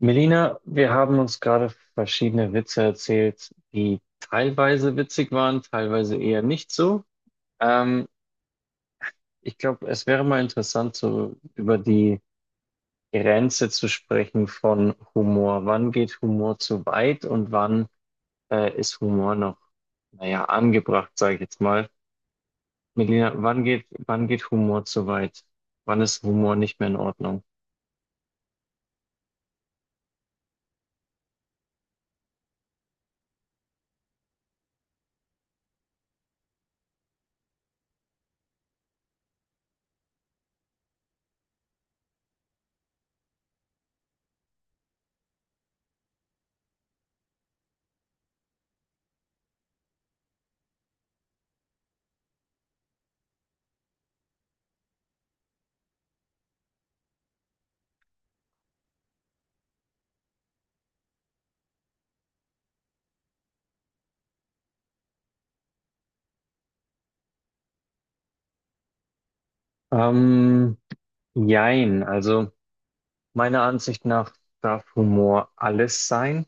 Melina, wir haben uns gerade verschiedene Witze erzählt, die teilweise witzig waren, teilweise eher nicht so. Ähm, Ich glaube, es wäre mal interessant, so über die Grenze zu sprechen von Humor. Wann geht Humor zu weit und wann ist Humor noch, naja, angebracht, sage ich jetzt mal. Melina, wann geht Humor zu weit? Wann ist Humor nicht mehr in Ordnung? Ähm, Jein, also. Meiner Ansicht nach darf Humor alles sein.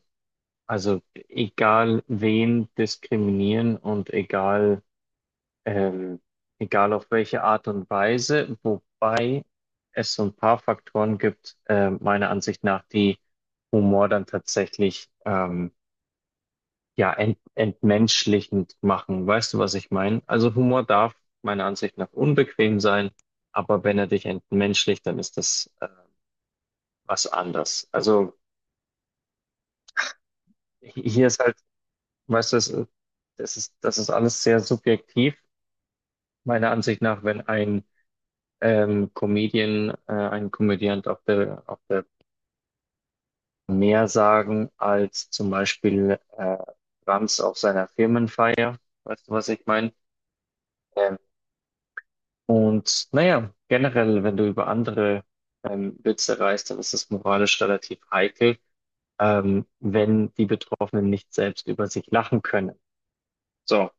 Also egal wen diskriminieren und egal, ähm, egal auf welche Art und Weise, wobei es so ein paar Faktoren gibt, meiner Ansicht nach, die Humor dann tatsächlich ja entmenschlichend machen. Weißt du, was ich meine? Also Humor darf meiner Ansicht nach unbequem sein, aber wenn er dich entmenschlicht, dann ist das was anderes. Also hier ist halt. Weißt du, das ist alles sehr subjektiv, meiner Ansicht nach, wenn ein Comedian, ein Komödiant auf auf der mehr sagen als zum Beispiel Rams auf seiner Firmenfeier. Weißt du, was ich meine? Ähm, und naja, generell, wenn du über andere Witze reißt, dann ist das moralisch relativ heikel, wenn die Betroffenen nicht selbst über sich lachen können. So.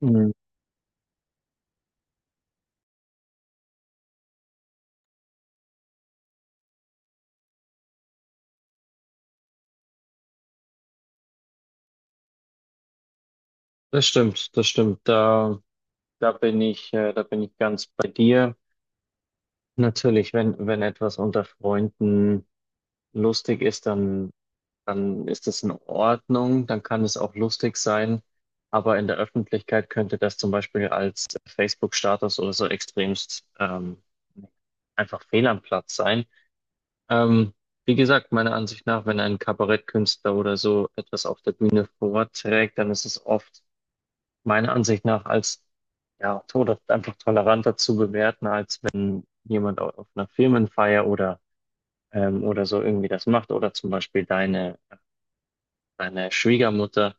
Mhm. Das stimmt, das stimmt. Da bin ich, da bin ich ganz bei dir. Natürlich, wenn etwas unter Freunden lustig ist, dann ist es in Ordnung, dann kann es auch lustig sein. Aber in der Öffentlichkeit könnte das zum Beispiel als Facebook-Status oder so extremst einfach fehl am Platz sein. Ähm, Wie gesagt, meiner Ansicht nach, wenn ein Kabarettkünstler oder so etwas auf der Bühne vorträgt, dann ist es oft meiner Ansicht nach als ja, Tod einfach toleranter zu bewerten, als wenn jemand auf einer Firmenfeier oder, oder so irgendwie das macht. Oder zum Beispiel deine Schwiegermutter,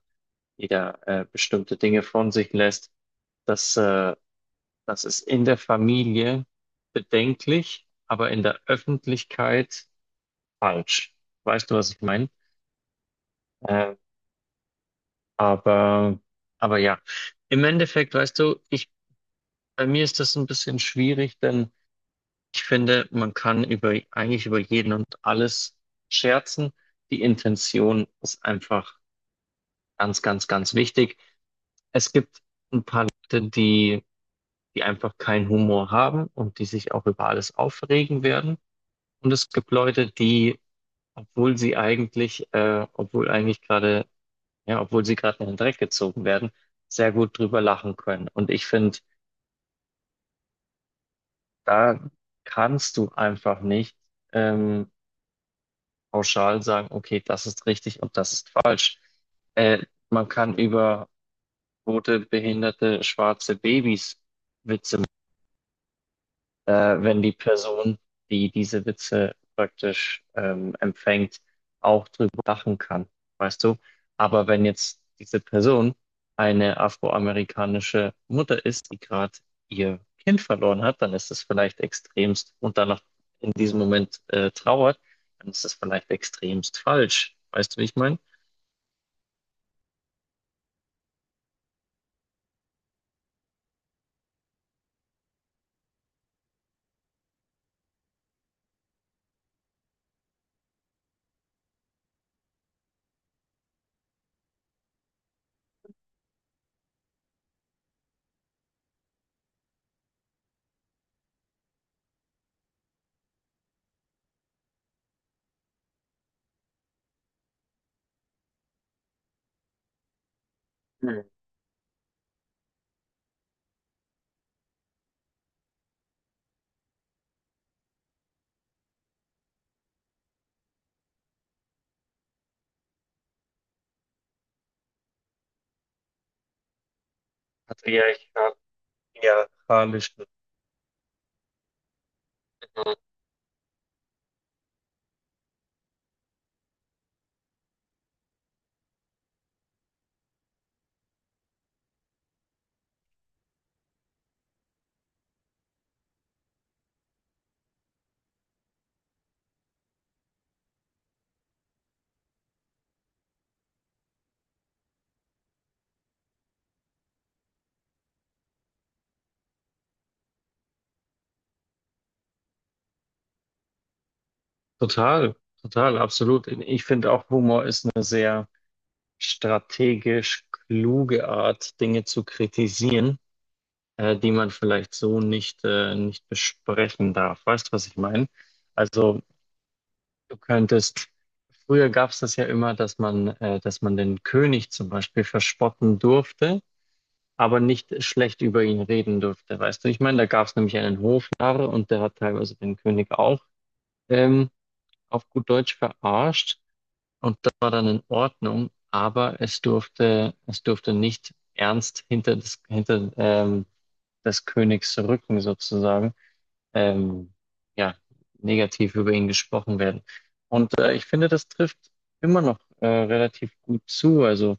die da bestimmte Dinge von sich lässt. Das, äh, das ist in der Familie bedenklich, aber in der Öffentlichkeit falsch. Weißt du, was ich meine? Äh, aber, aber ja, im Endeffekt, weißt du, bei mir ist das ein bisschen schwierig, denn ich finde, man kann eigentlich über jeden und alles scherzen. Die Intention ist einfach ganz, ganz, ganz wichtig. Es gibt die, die einfach keinen Humor haben und die sich auch über alles aufregen werden. Und es gibt Leute, die, obwohl eigentlich gerade, ja, obwohl sie gerade in den Dreck gezogen werden, sehr gut drüber lachen können. Und ich finde, da kannst du einfach nicht Ähm, pauschal sagen, okay, das ist richtig und das ist falsch. Äh, Man kann über tote, behinderte, schwarze Babys Witze wenn die Person, die diese Witze praktisch empfängt, auch drüber lachen kann, weißt du? Aber wenn jetzt diese Person eine afroamerikanische Mutter ist, die gerade ihr Kind verloren hat, dann ist es vielleicht extremst und dann noch in diesem Moment trauert, dann ist es vielleicht extremst falsch. Weißt du, wie ich meine? Hm. Patriarchal, patriarchalischen. Total, total, absolut. Ich finde auch, Humor ist eine sehr strategisch kluge Art, Dinge zu kritisieren, die man vielleicht so nicht nicht besprechen darf. Weißt du, was ich meine? Also du könntest, früher gab es das ja immer, dass man, dass man den König zum Beispiel verspotten durfte, aber nicht schlecht über ihn reden durfte. Weißt du, ich meine, da gab es nämlich einen Hofnarr und der hat teilweise den König auch ähm, auf gut Deutsch verarscht. Und das war dann in Ordnung, aber es es durfte nicht ernst hinter des Königs Rücken sozusagen, ähm, ja, negativ über ihn gesprochen werden. Und ich finde, das trifft immer noch relativ gut zu. Also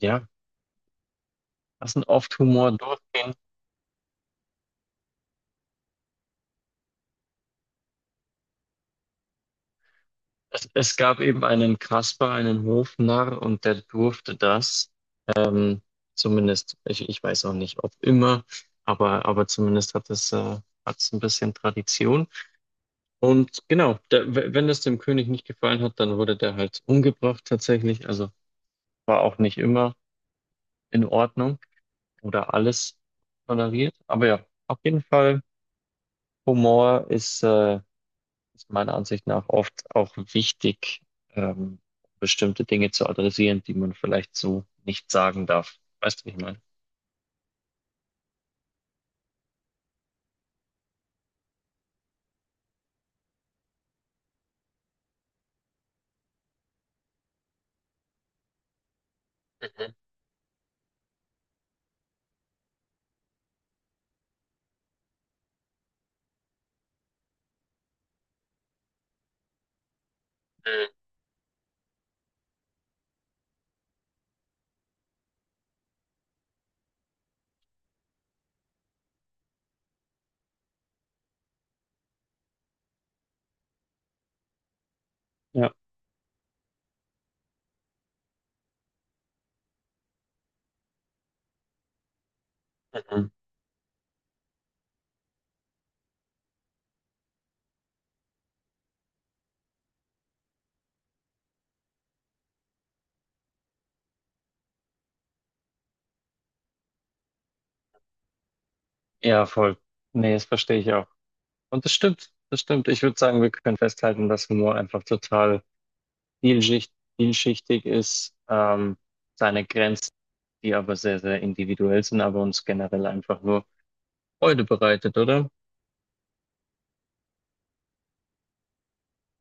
ja, lassen oft Humor durchgehen. Es gab eben einen Kasper, einen Hofnarr, und der durfte das. Ähm, Zumindest, ich weiß auch nicht, ob immer, aber zumindest hat hat es ein bisschen Tradition. Und genau, wenn das dem König nicht gefallen hat, dann wurde der halt umgebracht tatsächlich. Also war auch nicht immer in Ordnung oder alles toleriert. Aber ja, auf jeden Fall, Humor ist, ist meiner Ansicht nach oft auch wichtig, ähm, bestimmte Dinge zu adressieren, die man vielleicht so nicht sagen darf. Weißt du, wie ich meine? Mhm. Mhm. Ja. Mhm. Ja, voll. Nee, das verstehe ich auch. Und das stimmt, das stimmt. Ich würde sagen, wir können festhalten, dass Humor einfach total vielschichtig ist, seine Grenzen, die aber sehr, sehr individuell sind, aber uns generell einfach nur Freude bereitet, oder?